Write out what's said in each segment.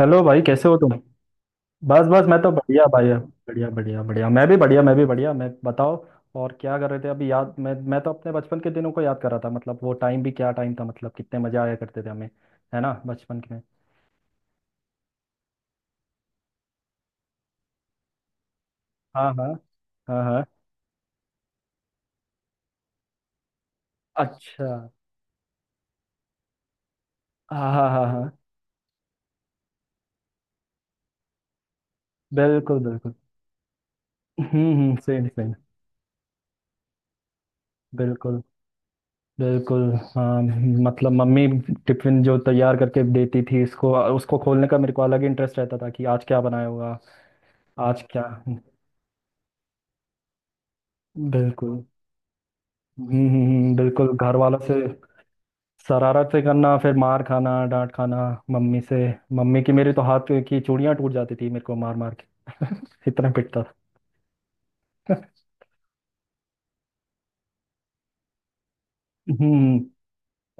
Hello भाई, कैसे हो तुम? बस बस, मैं तो बढ़िया भाई। बढ़िया बढ़िया बढ़िया, मैं भी बढ़िया, मैं भी बढ़िया, मैं बताओ। और क्या कर रहे थे अभी? याद, मैं तो अपने बचपन के दिनों को याद कर रहा था। मतलब वो टाइम भी क्या टाइम था, मतलब कितने मजा आया करते थे हमें। है ना, बचपन के में। हाँ हाँ हाँ हाँ। अच्छा। हाँ हाँ हाँ हाँ। बिल्कुल बिल्कुल। हम्म, सेम सेम। बिल्कुल बिल्कुल। हाँ, मतलब मम्मी, टिफिन जो तैयार करके देती थी इसको उसको खोलने का मेरे को अलग इंटरेस्ट रहता था कि आज क्या बनाया होगा। आज क्या। बिल्कुल। बिल्कुल, घर वालों से शरारतें करना, फिर मार खाना, डांट खाना। मम्मी से, मम्मी की, मेरे तो हाथ की चूड़ियां टूट जाती थी मेरे को मार मार के इतना पिटता था। हम्म।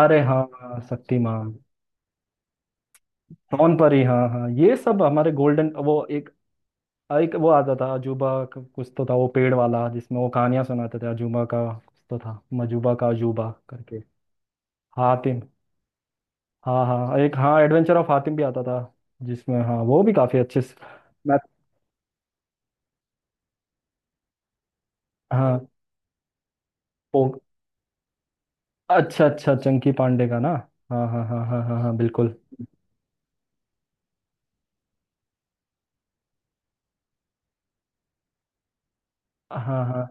अरे हाँ हाँ, शक्तिमान। सोन परी, हाँ हाँ, ये सब हमारे गोल्डन, वो एक। एक वो आता था अजूबा, कुछ तो था, वो पेड़ वाला जिसमें वो कहानियां सुनाते थे। अजूबा का कुछ तो था, मजूबा का अजूबा करके। हातिम। हाँ हाँ, एक हाँ, एडवेंचर ऑफ हातिम भी आता था। जिसमें हाँ, वो भी काफी अच्छे से- हाँ। ओ। अच्छा अच्छा, चंकी पांडे का ना। हाँ हाँ हाँ हाँ हाँ हाँ, बिल्कुल। हाँ हाँ।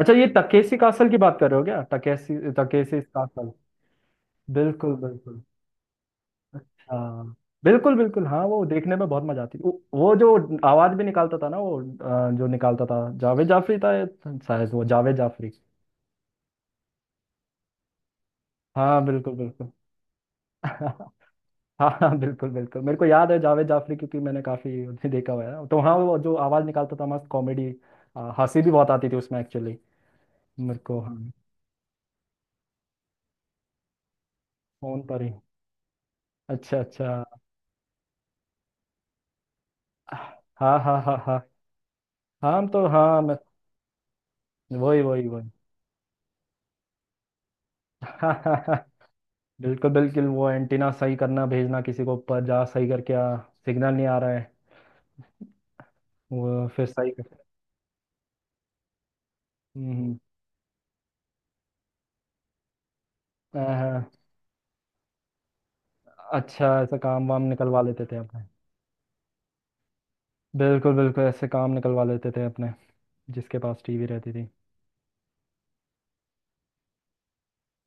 अच्छा, ये तकेसी कासल की बात कर रहे हो क्या? Takeshi, Takeshi castle. बिल्कुल बिल्कुल। अच्छा। बिल्कुल बिल्कुल, हाँ वो देखने में बहुत मजा आती थी। वो जो आवाज भी निकालता था ना वो, जो निकालता था, जावेद जाफरी था ये। शायद वो जावेद जाफरी। हाँ बिल्कुल बिल्कुल। हाँ हाँ बिल्कुल बिल्कुल, मेरे को याद है जावेद जाफरी, क्योंकि मैंने काफी उसे देखा हुआ है। तो हाँ, वो जो आवाज निकालता था, मस्त कॉमेडी। हंसी भी बहुत आती थी उसमें एक्चुअली। मेरे को हाँ। फोन पर ही। अच्छा अच्छा। हाँ हाँ हाँ हाँ। हाँ तो हाँ, मैं। वही वही वही। बिल्कुल बिल्कुल, वो एंटीना सही करना, भेजना किसी को ऊपर, जा सही करके आ। सिग्नल नहीं आ रहा है। वो फिर सही कर। हम्म हम्म। हाँ, हाँ। अच्छा, ऐसा काम वाम निकलवा लेते थे अपने। बिल्कुल बिल्कुल, ऐसे काम निकलवा लेते थे अपने, जिसके पास टीवी रहती थी।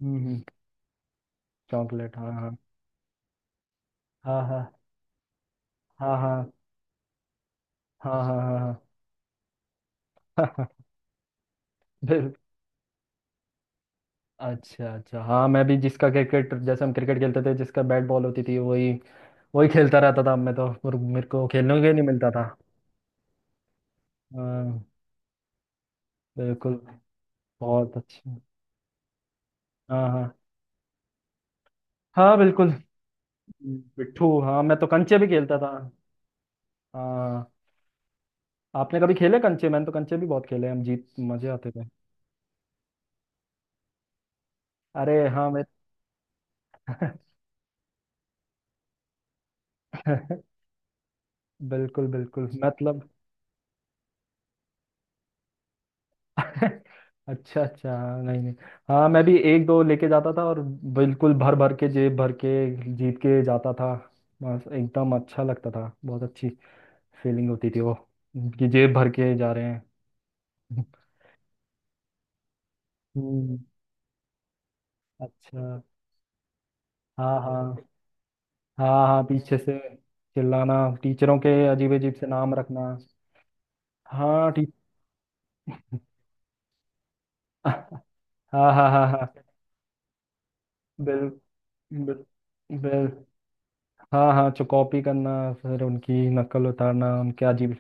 हम्म हम्म। चॉकलेट, हाँ हाँ हाँ हाँ। हाँ हाँ। हाँ हाँ हाँ हाँ। हाँ, बिल्कुल। अच्छा अच्छा, हाँ मैं भी, जिसका क्रिकेट, जैसे हम क्रिकेट खेलते थे जिसका बैट बॉल होती थी, वही वही खेलता रहता था मैं तो, और मेरे को खेलने के लिए नहीं मिलता था। हाँ। बिल्कुल। बहुत अच्छा। हाँ हाँ। हाँ बिल्कुल। पिट्ठू, हाँ मैं तो कंचे भी खेलता था। हाँ। आपने कभी खेले कंचे? मैंने तो कंचे भी बहुत खेले, हम जीत, मजे आते थे। अरे हाँ, मैं। बिल्कुल बिल्कुल, मतलब। अच्छा अच्छा। नहीं नहीं। हाँ मैं भी एक दो लेके जाता था, और बिल्कुल भर भर के, जेब भर के, जीत के जाता था। बस एकदम अच्छा लगता था, बहुत अच्छी फीलिंग होती थी वो, कि जेब भर के जा रहे हैं। हम्म। अच्छा। हाँ हाँ। हाँ हाँ, पीछे से चिल्लाना, टीचरों के अजीब अजीब से नाम रखना। हाँ, टी हाँ हाँ हाँ हाँ। बिल बिल बिल हाँ हाँ, चुकौपी करना, फिर उनकी नकल उतारना, उनके अजीब।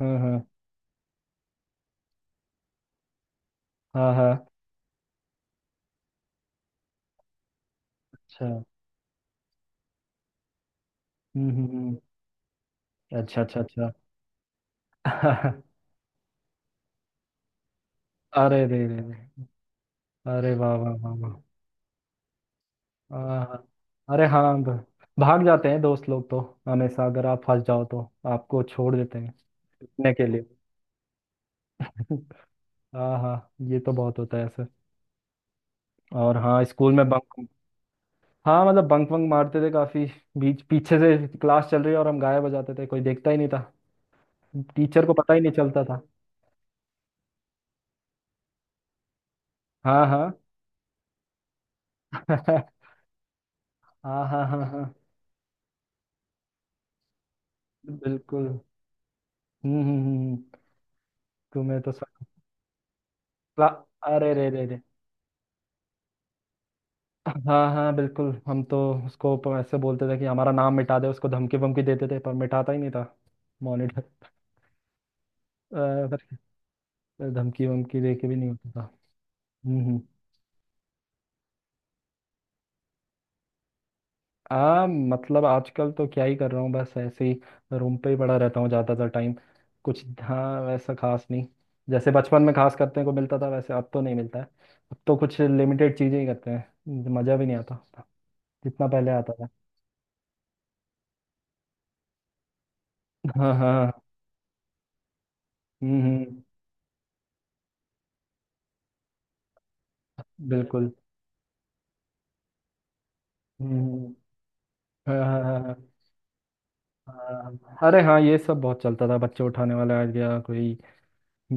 हाँ हाँ हाँ हाँ। अच्छा। हम्म हम्म हम्म, अच्छा अच्छा अच्छा। अरे रे रे रे। अरे वाह वाह वाह वाह। हाँ हाँ। अरे हाँ, भाग जाते हैं दोस्त लोग तो, हमेशा अगर आप फंस जाओ तो आपको छोड़ देते हैं, सीखने के लिए। हाँ हाँ, ये तो बहुत होता है ऐसे। और हाँ, स्कूल में बंक। हाँ मतलब, बंक वंक मारते थे काफी। बीच, पीछे से क्लास चल रही है और हम गायब हो जाते थे, कोई देखता ही नहीं था, टीचर को पता ही नहीं चलता था। हाँ हाँ। हाँ हाँ हाँ हाँ बिल्कुल। हम्म हम्म हम्म, तुम्हें तो सब। अरे रे रे रे। हाँ हाँ बिल्कुल, हम तो उसको ऐसे बोलते थे कि हमारा नाम मिटा दे, उसको धमकी वमकी देते थे पर मिटाता ही नहीं था मॉनिटर, पर धमकी वमकी दे के भी नहीं होता था। हम्म हम्म। आ मतलब आजकल तो क्या ही कर रहा हूँ, बस ऐसे ही रूम पे ही पड़ा रहता हूँ ज़्यादातर टाइम। कुछ हाँ, वैसा खास नहीं, जैसे बचपन में खास करने को मिलता था वैसे अब तो नहीं मिलता है। अब तो कुछ लिमिटेड चीज़ें ही करते हैं, मज़ा भी नहीं आता जितना पहले आता था। हाँ हाँ हाँ। हम्म हम्म, बिल्कुल। हम्म हम्म, हाँ हाँ हाँ हाँ, हाँ, अरे हाँ, ये सब बहुत चलता था, बच्चे उठाने वाला आ गया कोई,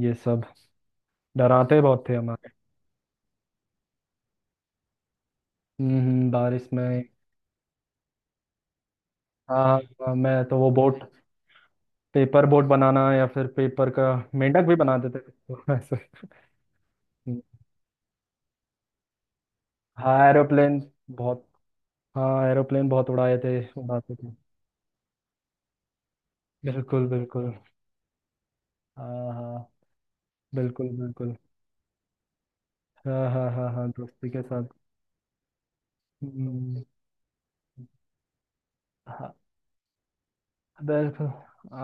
ये सब डराते बहुत थे हमारे। बारिश में। हाँ हाँ। हाँ, मैं तो वो बोट, पेपर बोट बनाना, या फिर पेपर का मेंढक भी बनाते थे तो ऐसे। हम्म, हाँ एरोप्लेन, बहुत, हाँ एरोप्लेन बहुत उड़ाए थे, उड़ाते थे। बिल्कुल बिल्कुल। हाँ हाँ। बिल्कुल बिल्कुल। हाँ हाँ हाँ हाँ, दोस्ती के साथ। हम्म, हाँ दरअसल,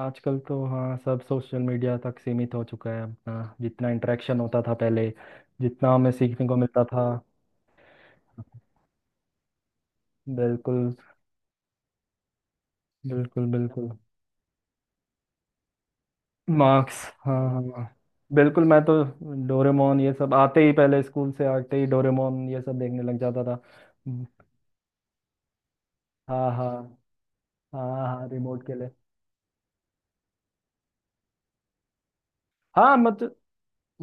आजकल तो हाँ, सब सोशल मीडिया तक सीमित हो चुका है अपना, जितना इंटरेक्शन होता था पहले, जितना हमें सीखने को मिलता था। बिल्कुल। बिल्कुल बिल्कुल। मार्क्स, हाँ हाँ हाँ। बिल्कुल, मैं तो डोरेमोन ये सब आते ही, पहले स्कूल से आते ही डोरेमोन ये सब देखने लग जाता था। हम्म, हाँ हाँ। हाँ हाँ, रिमोट के लिए। हाँ मत।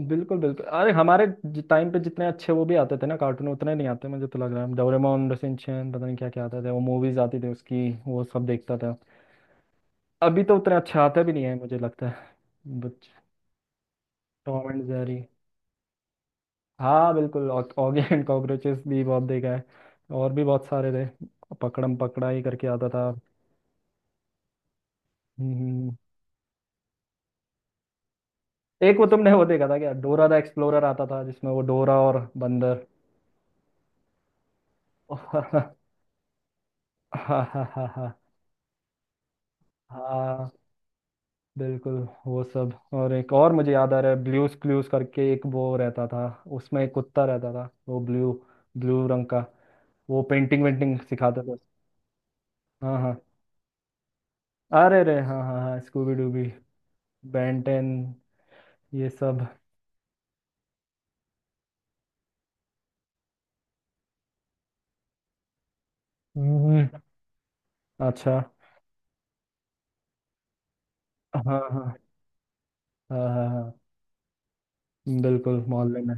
बिल्कुल बिल्कुल, अरे हमारे टाइम पे जितने अच्छे वो भी आते थे ना कार्टून, उतने नहीं आते। मुझे तो लग रहा है डोरेमोन, शिनचैन, पता नहीं क्या क्या आते थे, वो मूवीज आती थी उसकी, वो सब देखता था। अभी तो उतने अच्छे आते भी नहीं है, मुझे लगता है। बच टॉम एंड जेरी। हाँ बिल्कुल, ऑगी एंड कॉकरोचेस भी बहुत देखा है। और भी बहुत सारे थे, पकड़म पकड़ाई करके आता था। हम्म, एक वो तुमने वो देखा था क्या, डोरा द एक्सप्लोरर आता था जिसमें वो डोरा और बंदर। हाँ हाँ। हाँ हाँ। बिल्कुल। वो सब, और एक और मुझे याद आ रहा है, ब्लूज क्लूज करके एक वो रहता था, उसमें एक कुत्ता रहता था, वो ब्लू, ब्लू रंग का, वो पेंटिंग वेंटिंग सिखाता था। हाँ हाँ, अरे रे हाँ हाँ हाँ, स्कूबी डूबी। बेंटेन, ये सब। हम्म, अच्छा। हाँ हाँ हाँ हाँ। हाँ बिल्कुल, मोहल्ले में।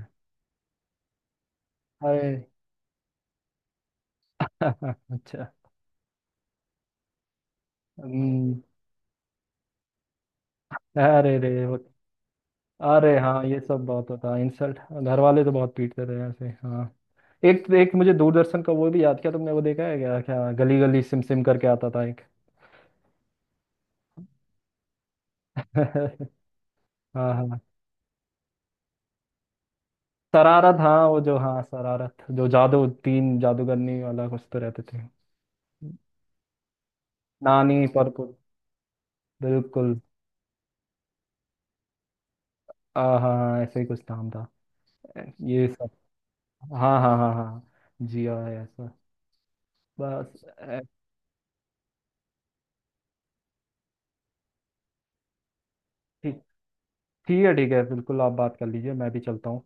अरे। अच्छा। हम्म, अरे रे, अरे हाँ, ये सब बहुत होता इंसल्ट, घर वाले तो बहुत पीटते थे ऐसे, हाँ। एक एक मुझे दूरदर्शन का वो भी याद किया तुमने, वो देखा है क्या क्या, गली गली सिम सिम करके आता था एक। हाँ हाँ। शरारत, हाँ वो जो हाँ, शरारत, जो जादू, तीन जादूगरनी वाला कुछ तो रहते थे। नानी परपुर। बिल्कुल। हाँ हाँ, ऐसे ही कुछ नाम था, ये सब। हाँ हाँ हाँ हाँ। जी हाँ, ऐसा। बस, ठीक। ठीक है ठीक है, बिल्कुल आप बात कर लीजिए, मैं भी चलता हूँ।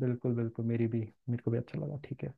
बिल्कुल बिल्कुल, मेरी भी, मेरे को भी अच्छा लगा, ठीक है।